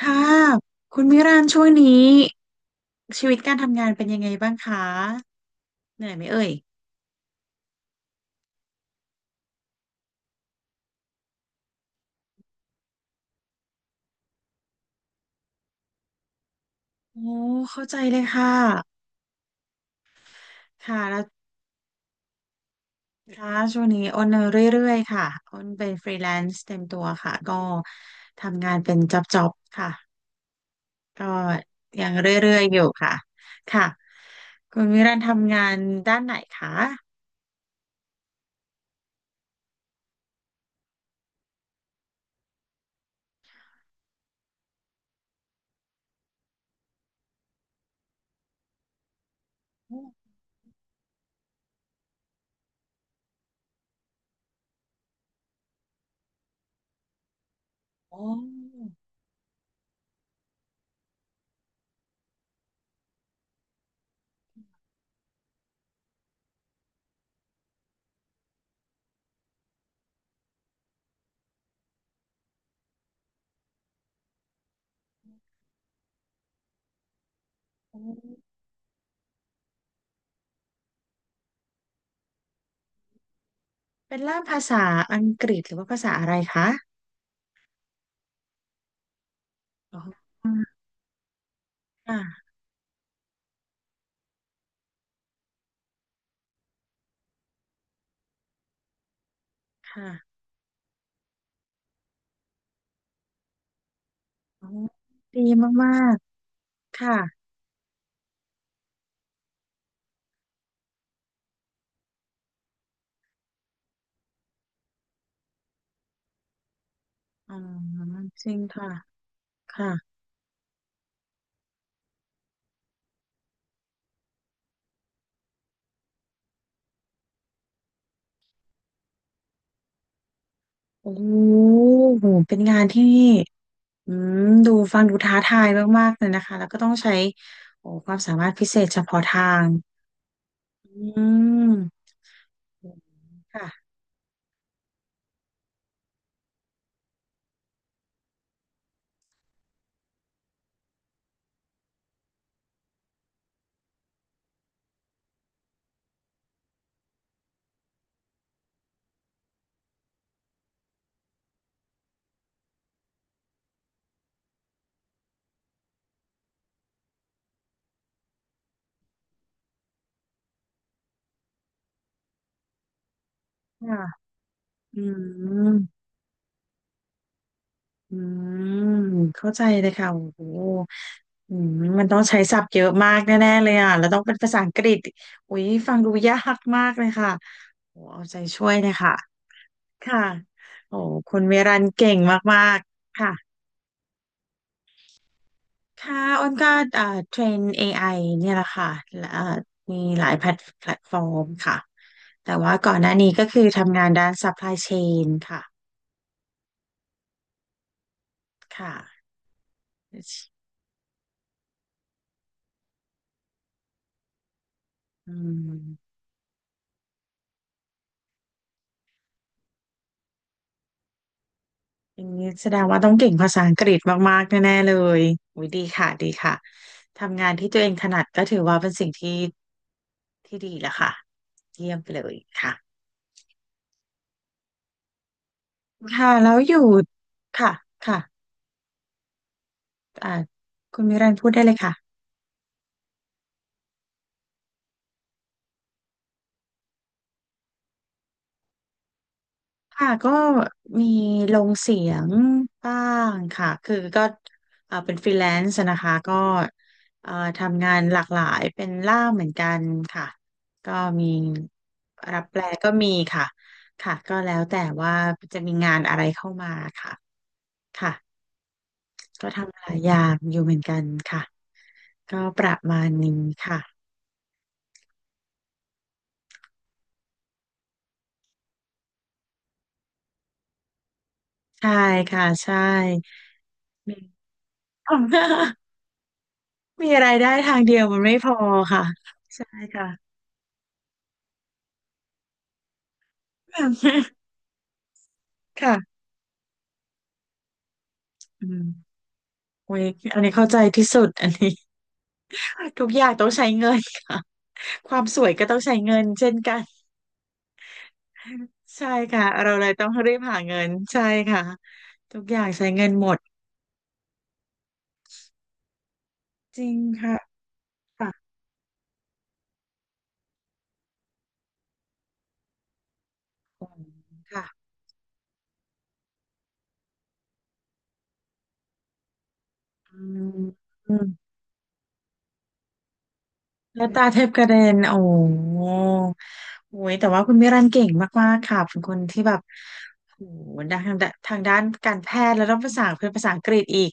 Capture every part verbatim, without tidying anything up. ค่ะคุณมิรันช่วงนี้ชีวิตการทำงานเป็นยังไงบ้างคะเหนื่อยไหมเอ่ยโอ้เข้าใจเลยค่ะค่ะแล้วค่ะช่วงนี้อ้นเรื่อยๆค่ะอ้นเป็นฟรีแลนซ์เต็มตัวค่ะก็ทำงานเป็นจ็อบๆค่ะก็ยังเรื่อยๆอยู่ค่ะค่ะคุณมิรันทำงานด้านไหนคะอ๋ออ๋อเป็นล่ามภาษาอังกฤษหรือว่าภาษาอะไรคะอ๋อค่ะค่ะ อ๋อดีมากๆค่ะอ๋อจริงค่ะค่ะโอ้โหเป็นงานที่อืมดูฟังดูท้าทายมากๆเลยนะคะแล้วก็ต้องใช้โอ้ความสามารถพิเศษเฉพาะทางอืมค่ะค่ะอืมอืมเข้าใจเลยค่ะโอ้โหอืมมันต้องใช้ศัพท์เยอะมากแน่ๆเลยอ่ะแล้วต้องเป็นภาษาอังกฤษอุ๊ยฟังดูยากมากเลยค่ะโอ้เอาใจช่วยเลยค่ะ ค่ะโอ้คุณเมรันเก่งมากๆค่ะ ค่ะอ้นก็เอ่อเทรน เอ ไอ เนี่ยแหละค่ะ และเอ่อมีหลายแพลตแพลตฟอร์มค่ะ แต่ว่าก่อนหน้านี้งานด้าน supply chain ค่ะค่ะอืมอย่างนี้แสดงว่าต้องเก่งภาษาอังกฤษมากๆแน่ๆเลยอุ้ยดีค่ะ ดีค่ะ ทำงานที่ตัวเองถนัดก็ถือว่าเป็นสิ่งที่ที่ดีแล้วค่ะเยี่ยมไปเลยค่ะ ค่ะ แล้วอยู่ค่ะ ค่ะอ่าคุณมิรันพูดได้เลยค่ะ ค่ะก็มีลงเสียงบ้างค่ะคือก็เอ่อเป็นฟรีแลนซ์นะคะก็เอ่อทำงานหลากหลายเป็นล่ามเหมือนกันค่ะก็มีรับแปลก็มีค่ะค่ะก็แล้วแต่ว่าจะมีงานอะไรเข้ามาค่ะค่ะก็ทำหลายอย่างอยู่เหมือนกันค่ะก็ประมาณนี้ค่ะใช่ค่ะใช่มี มีรายได้ทางเดียวมันไม่พอค่ะใช่ค่ะ ค่ะอืมโอ้ยอันนี้เข้าใจที่สุดอันนี้ ทุกอย่างต้องใช้เงินค่ะความสวยก็ต้องใช้เงินเช่นกัน ใช่ค่ะเราเลยต้องรีบหาเงิน ใช่ค่ะ ทุกอย่างใช้เงินหมด จริงค่ะค่ะค่ะอืม แล้วตาเทพกระเด็นโอ้โหโอ้ยแต่ว่าคุณมิรันเก่งมากๆค่ะเป็นคนที่แบบโอ้โหด้านทางด้านการแพทย์แล้วต้องภาษาเป็นภาษาอังกฤษอีก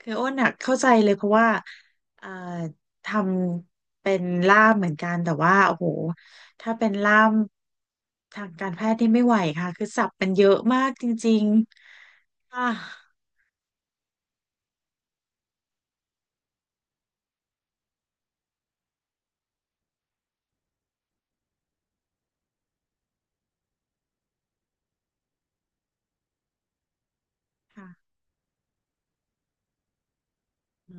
คืออ้นอะเข้าใจเลยเพราะว่าเอ่อทำเป็นล่ามเหมือนกันแต่ว่าโอ้โหถ้าเป็นล่ามทางการแพทย์นี่ไม่ไหวค่ะ คือศัพท์มันเยอะมากจริงๆค่ะค่ะอื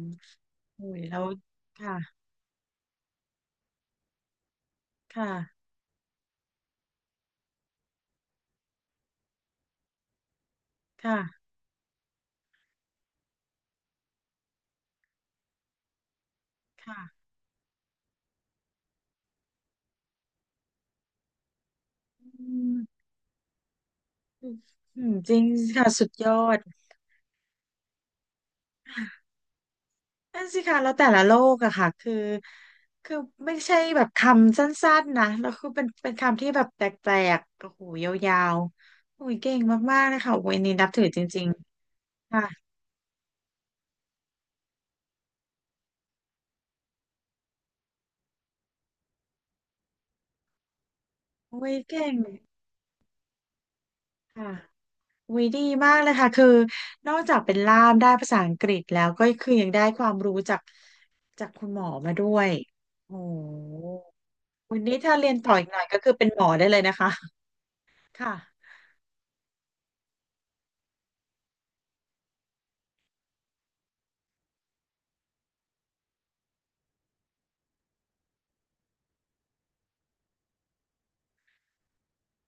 มโอ้ยแล้ว ค่ะ ค่ะค่ะค่ะอืม อืมอืมจริงสค่ะสุดยอดนั่นสิค่ะแล้วแต่ละโลกอะค่ะคือคือไม่ใช่แบบคำสั้นๆนะแล้วคือเป็นเป็นคำที่แบบแปลกๆโอ้โหยาวๆโอ้ยเก่งมากๆเลยค่ะโอ้ยนี่นับถือจริงๆค่ะโอ้ยเก่งค่ะโอ้ยดีมากเลยค่ะคือนอกจากเป็นล่ามได้ภาษาอังกฤษแล้วก็คือยังได้ความรู้จากจากคุณหมอมาด้วยโอ้โหวันนี้ถ้าเรียนต่ออีกหน่อยก็คือเป็นหมอได้เลยนะคะค่ะ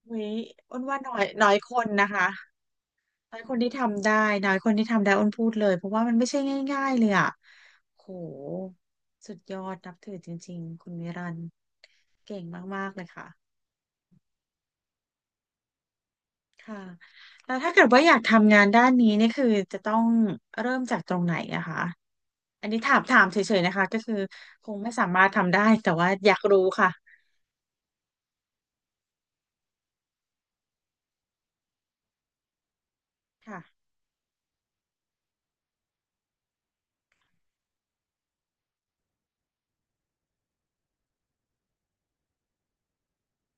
อุ๊ยอ้นว่าน้อยน้อยคนนะคะน้อยคนที่ทำได้น้อยคนที่ทำได้อ้นพูดเลยเพราะว่ามันไม่ใช่ง่ายๆเลยอ่ะโหสุดยอดนับถือจริงๆคุณวิรันเก่งมากๆเลยค่ะค่ะแล้วถ้าเกิดว่าอยากทำงานด้านนี้เนี่ยคือจะต้องเริ่มจากตรงไหนอะคะอันนี้ถามถามเฉยๆนะคะก็คือคงไม่สามารถทำได้แต่ว่าอยากรู้ค่ะค่ะ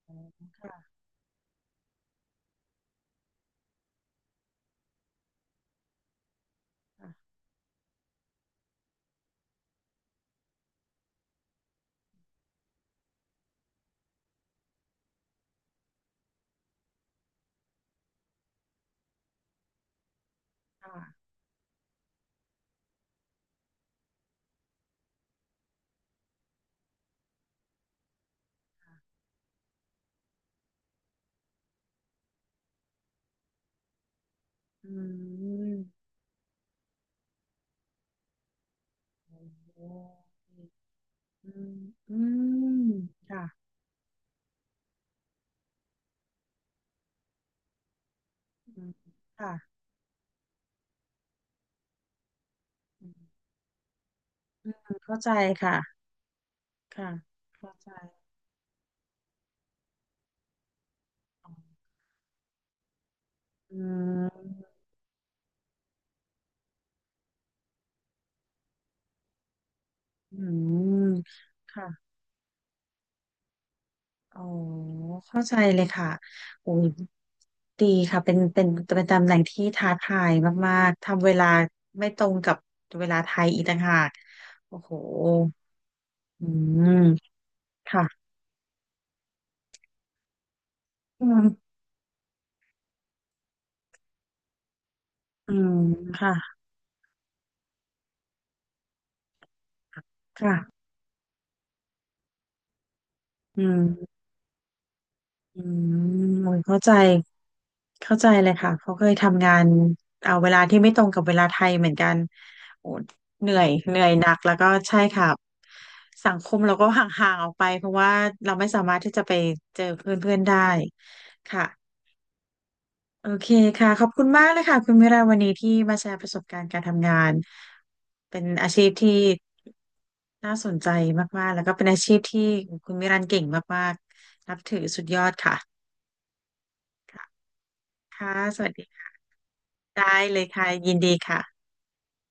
อ๋อค่ะค่ะค่ะอืมโอ้โห อืมอืมค่ะอืมค่ะอืมอืมเข้าใจค่ะ ค่ะ เข้าใจอ๋ออืมอืมค่ะอ๋อเข้าใจเลยค่ะโอ้ยดีค่ะ เป็นเป็นเป็นตำแหน่งที่ท้าทายมาก ๆ ทำเวลาไม่ตรงกับเวลาไทยอีกต่างหากโอ้โหอืมค่ะอืมอืมค่ะค่ะอืม อืมโอ้ยเข้าใจเข้าใจเลยค่ะเขาเคยทำงานเอาเวลาที่ไม่ตรงกับเวลาไทยเหมือนกันโอ้เหนื่อยเหนื่อยหนักแล้วก็ใช่ค่ะสังคมเราก็ห่างๆออกไปเพราะว่าเราไม่สามารถที่จะไปเจอเพื่อนๆได้ค่ะโอเคค่ะขอบคุณมากเลยค่ะคุณมิราวันนี้ที่มาแชร์ประสบการณ์การทำงานเป็นอาชีพที่น่าสนใจมากๆแล้วก็เป็นอาชีพที่คุณมิรันเก่งมากๆนับถือสุดยอดค่ะ ค่ะ สวัสดีค่ะได้เลยค่ะ ยินดีค่ะ